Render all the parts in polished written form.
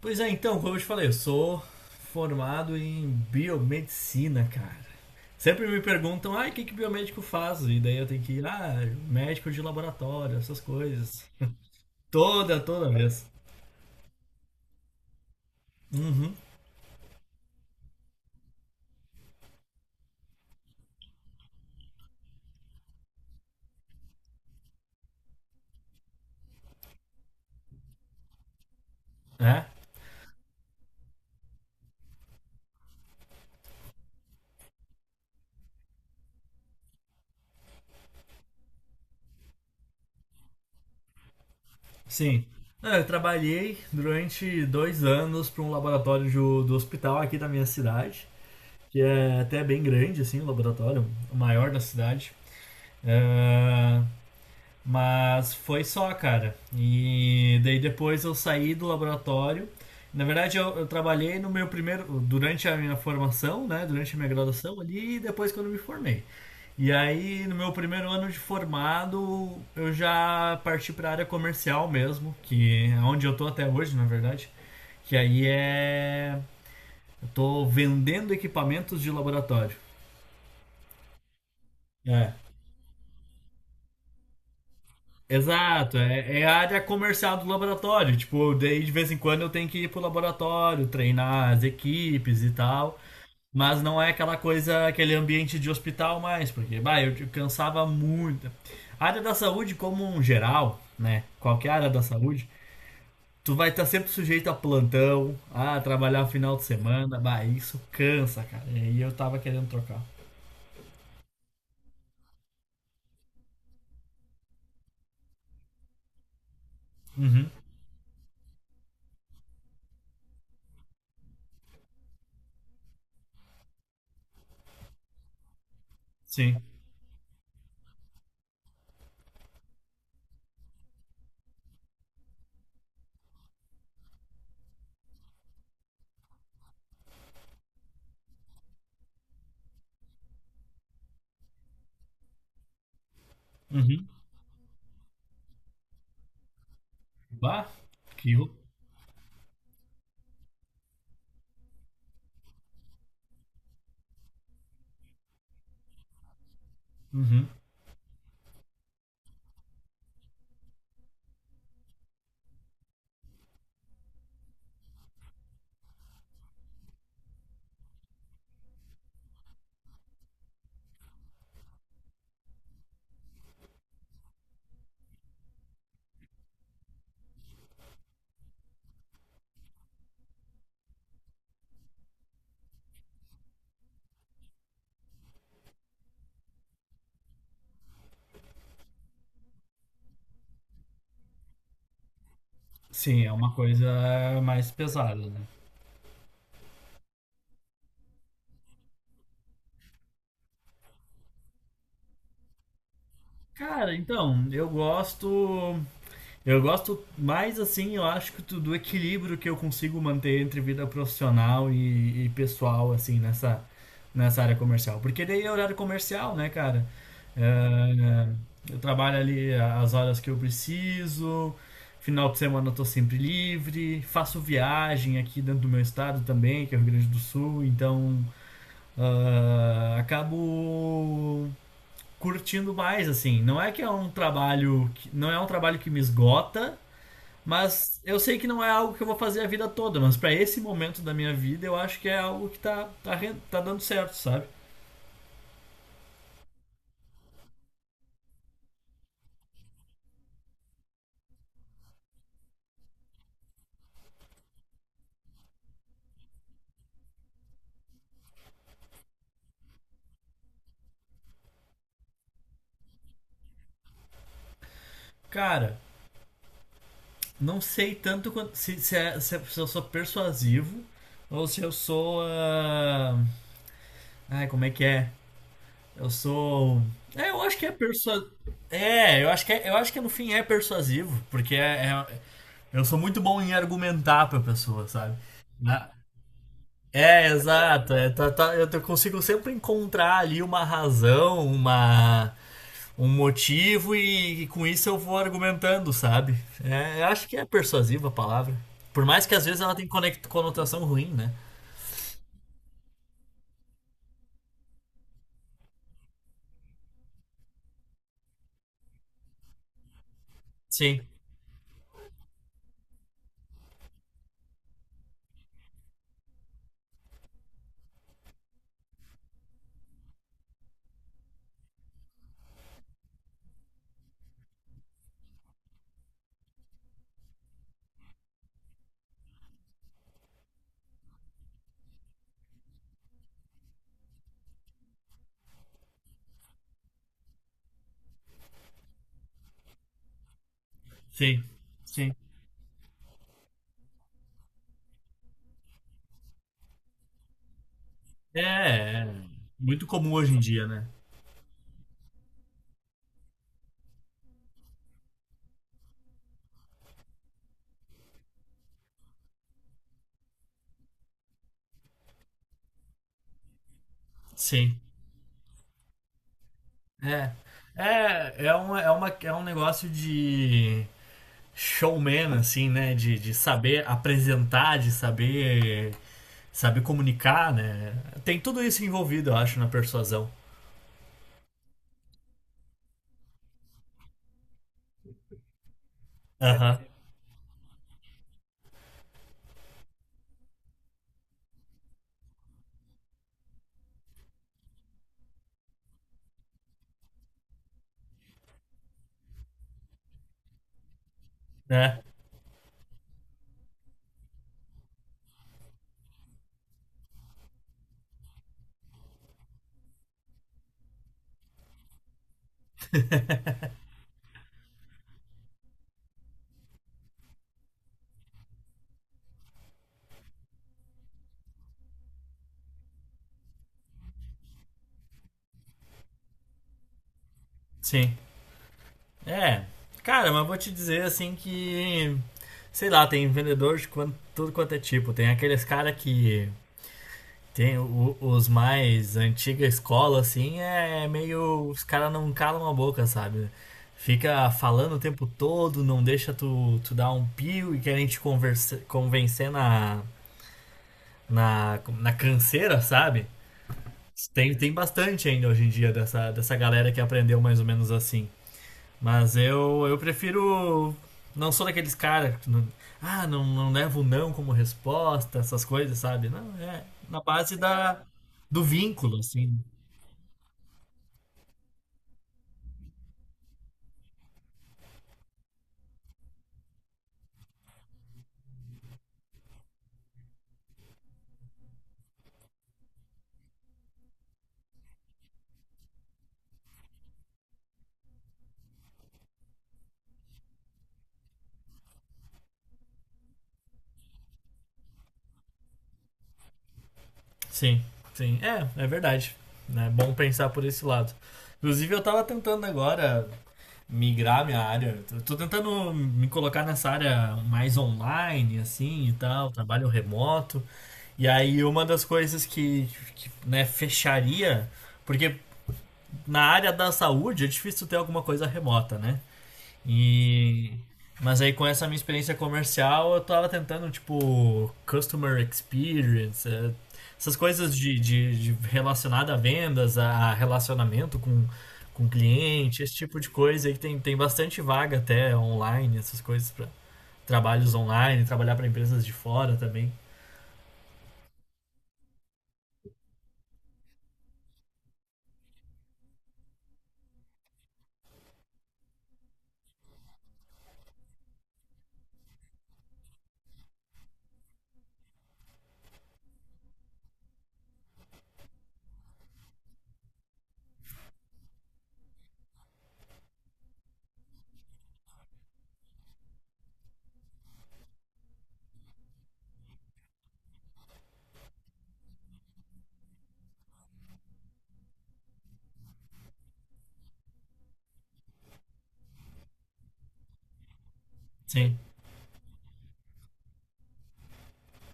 Pois é, então, como eu te falei, eu sou formado em biomedicina, cara. Sempre me perguntam, ah, o que que biomédico faz? E daí eu tenho que ir, ah, médico de laboratório, essas coisas. Toda vez. Uhum, é, sim. Ah, eu trabalhei durante dois anos para um laboratório do hospital aqui da minha cidade, que é até bem grande, assim, o laboratório, o maior da cidade. É, mas foi só, cara. E daí depois eu saí do laboratório. Na verdade, eu trabalhei no meu primeiro. Durante a minha formação, né? Durante a minha graduação ali e depois quando eu me formei. E aí, no meu primeiro ano de formado, eu já parti para a área comercial mesmo, que é onde eu tô até hoje, na verdade. Que aí é. Eu tô vendendo equipamentos de laboratório. É. Exato, é, é a área comercial do laboratório. Tipo, daí de vez em quando eu tenho que ir pro laboratório, treinar as equipes e tal. Mas não é aquela coisa, aquele ambiente de hospital mais, porque bah, cansava muito. A área da saúde, como um geral, né? Qualquer área da saúde, tu vai estar sempre sujeito a plantão, a trabalhar final de semana. Bah, isso cansa, cara. E aí eu tava querendo trocar. Uhum, sim. Uhum. Bah, que. ro- uhum. Sim, é uma coisa mais pesada, né? Cara, então, eu gosto. Eu gosto mais assim, eu acho que do equilíbrio que eu consigo manter entre vida profissional e pessoal, assim, nessa área comercial. Porque daí é horário comercial, né, cara? É, eu trabalho ali as horas que eu preciso, final de semana eu tô sempre livre, faço viagem aqui dentro do meu estado também, que é o Rio Grande do Sul, então ah, acabo curtindo mais, assim. Não é que é um trabalho. Não é um trabalho que me esgota, mas eu sei que não é algo que eu vou fazer a vida toda. Mas para esse momento da minha vida, eu acho que é algo que tá dando certo, sabe? Cara, não sei tanto quanto, se eu sou persuasivo ou se eu sou. Como é que é? Eu sou. É, eu acho que é persuasivo. É, eu acho que é, eu acho que no fim é persuasivo, eu sou muito bom em argumentar pra pessoa, sabe? Na- É, exato. É, consigo sempre encontrar ali uma razão, uma, um motivo e com isso eu vou argumentando, sabe? É, eu acho que é persuasiva a palavra. Por mais que às vezes ela tenha conotação ruim, né? Sim, sim, sim. É, é muito comum hoje em dia, né? Sim. É. É um negócio de showman, assim, né? De saber apresentar, de saber, saber comunicar, né? Tem tudo isso envolvido, eu acho, na persuasão. Aham. É, sim. É. Cara, mas vou te dizer, assim, que. Sei lá, tem vendedor de tudo quanto é tipo. Tem aqueles cara que tem os mais antiga escola, assim, é é meio. Os caras não calam a boca, sabe? Fica falando o tempo todo, não deixa tu dar um pio e querem te conversa, convencer na, na canseira, sabe? Tem, tem bastante ainda hoje em dia dessa, dessa galera que aprendeu mais ou menos assim. Mas eu prefiro. Não sou daqueles caras que não, ah, não, não levo não como resposta, essas coisas, sabe? Não, é na base da, do vínculo, assim. Sim, sim. É, é verdade. É bom pensar por esse lado. Inclusive, eu tava tentando agora migrar minha área. Eu tô tentando me colocar nessa área mais online, assim, e tal, trabalho remoto. E aí, uma das coisas que né, fecharia, porque na área da saúde é difícil ter alguma coisa remota, né? E mas aí com essa minha experiência comercial eu tava tentando tipo customer experience, eh, essas coisas de relacionada a vendas, a relacionamento com cliente, esse tipo de coisa aí que tem, tem bastante vaga até online, essas coisas para trabalhos online, trabalhar para empresas de fora também. Sim.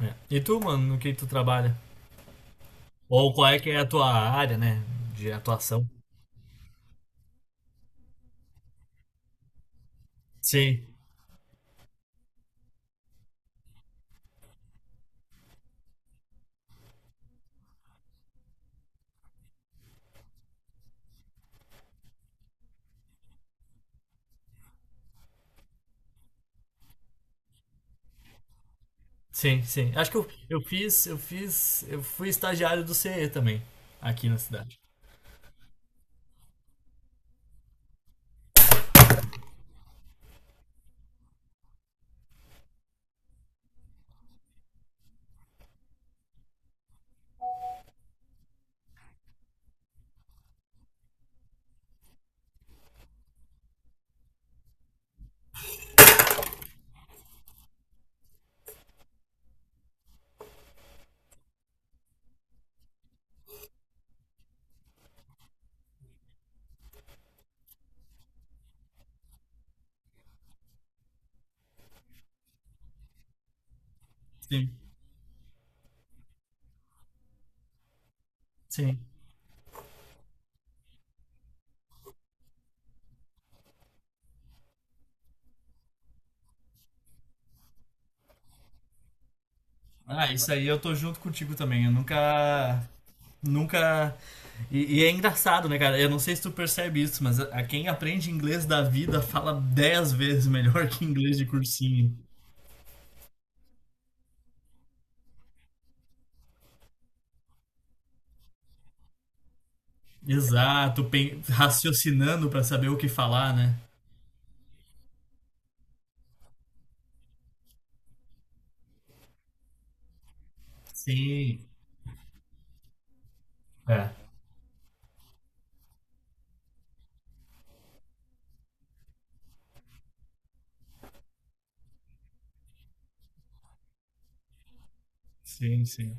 É. E tu, mano, no que tu trabalha? Ou qual é que é a tua área, né, de atuação? Sim. Sim, sim. Acho que eu fui estagiário do CE também, aqui na cidade. Sim, sim. Ah, isso aí eu tô junto contigo também. Eu nunca, nunca. E é engraçado, né, cara? Eu não sei se tu percebe isso, mas a quem aprende inglês da vida fala 10 vezes melhor que inglês de cursinho. Exato, raciocinando pra saber o que falar, né? Sim. É. Sim, sim.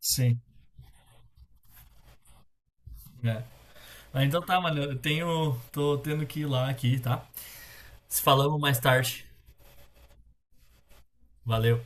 Sim. É. Ah, então tá, mano. Eu tenho. Tô tendo que ir lá aqui, tá? Se falamos mais tarde. Valeu.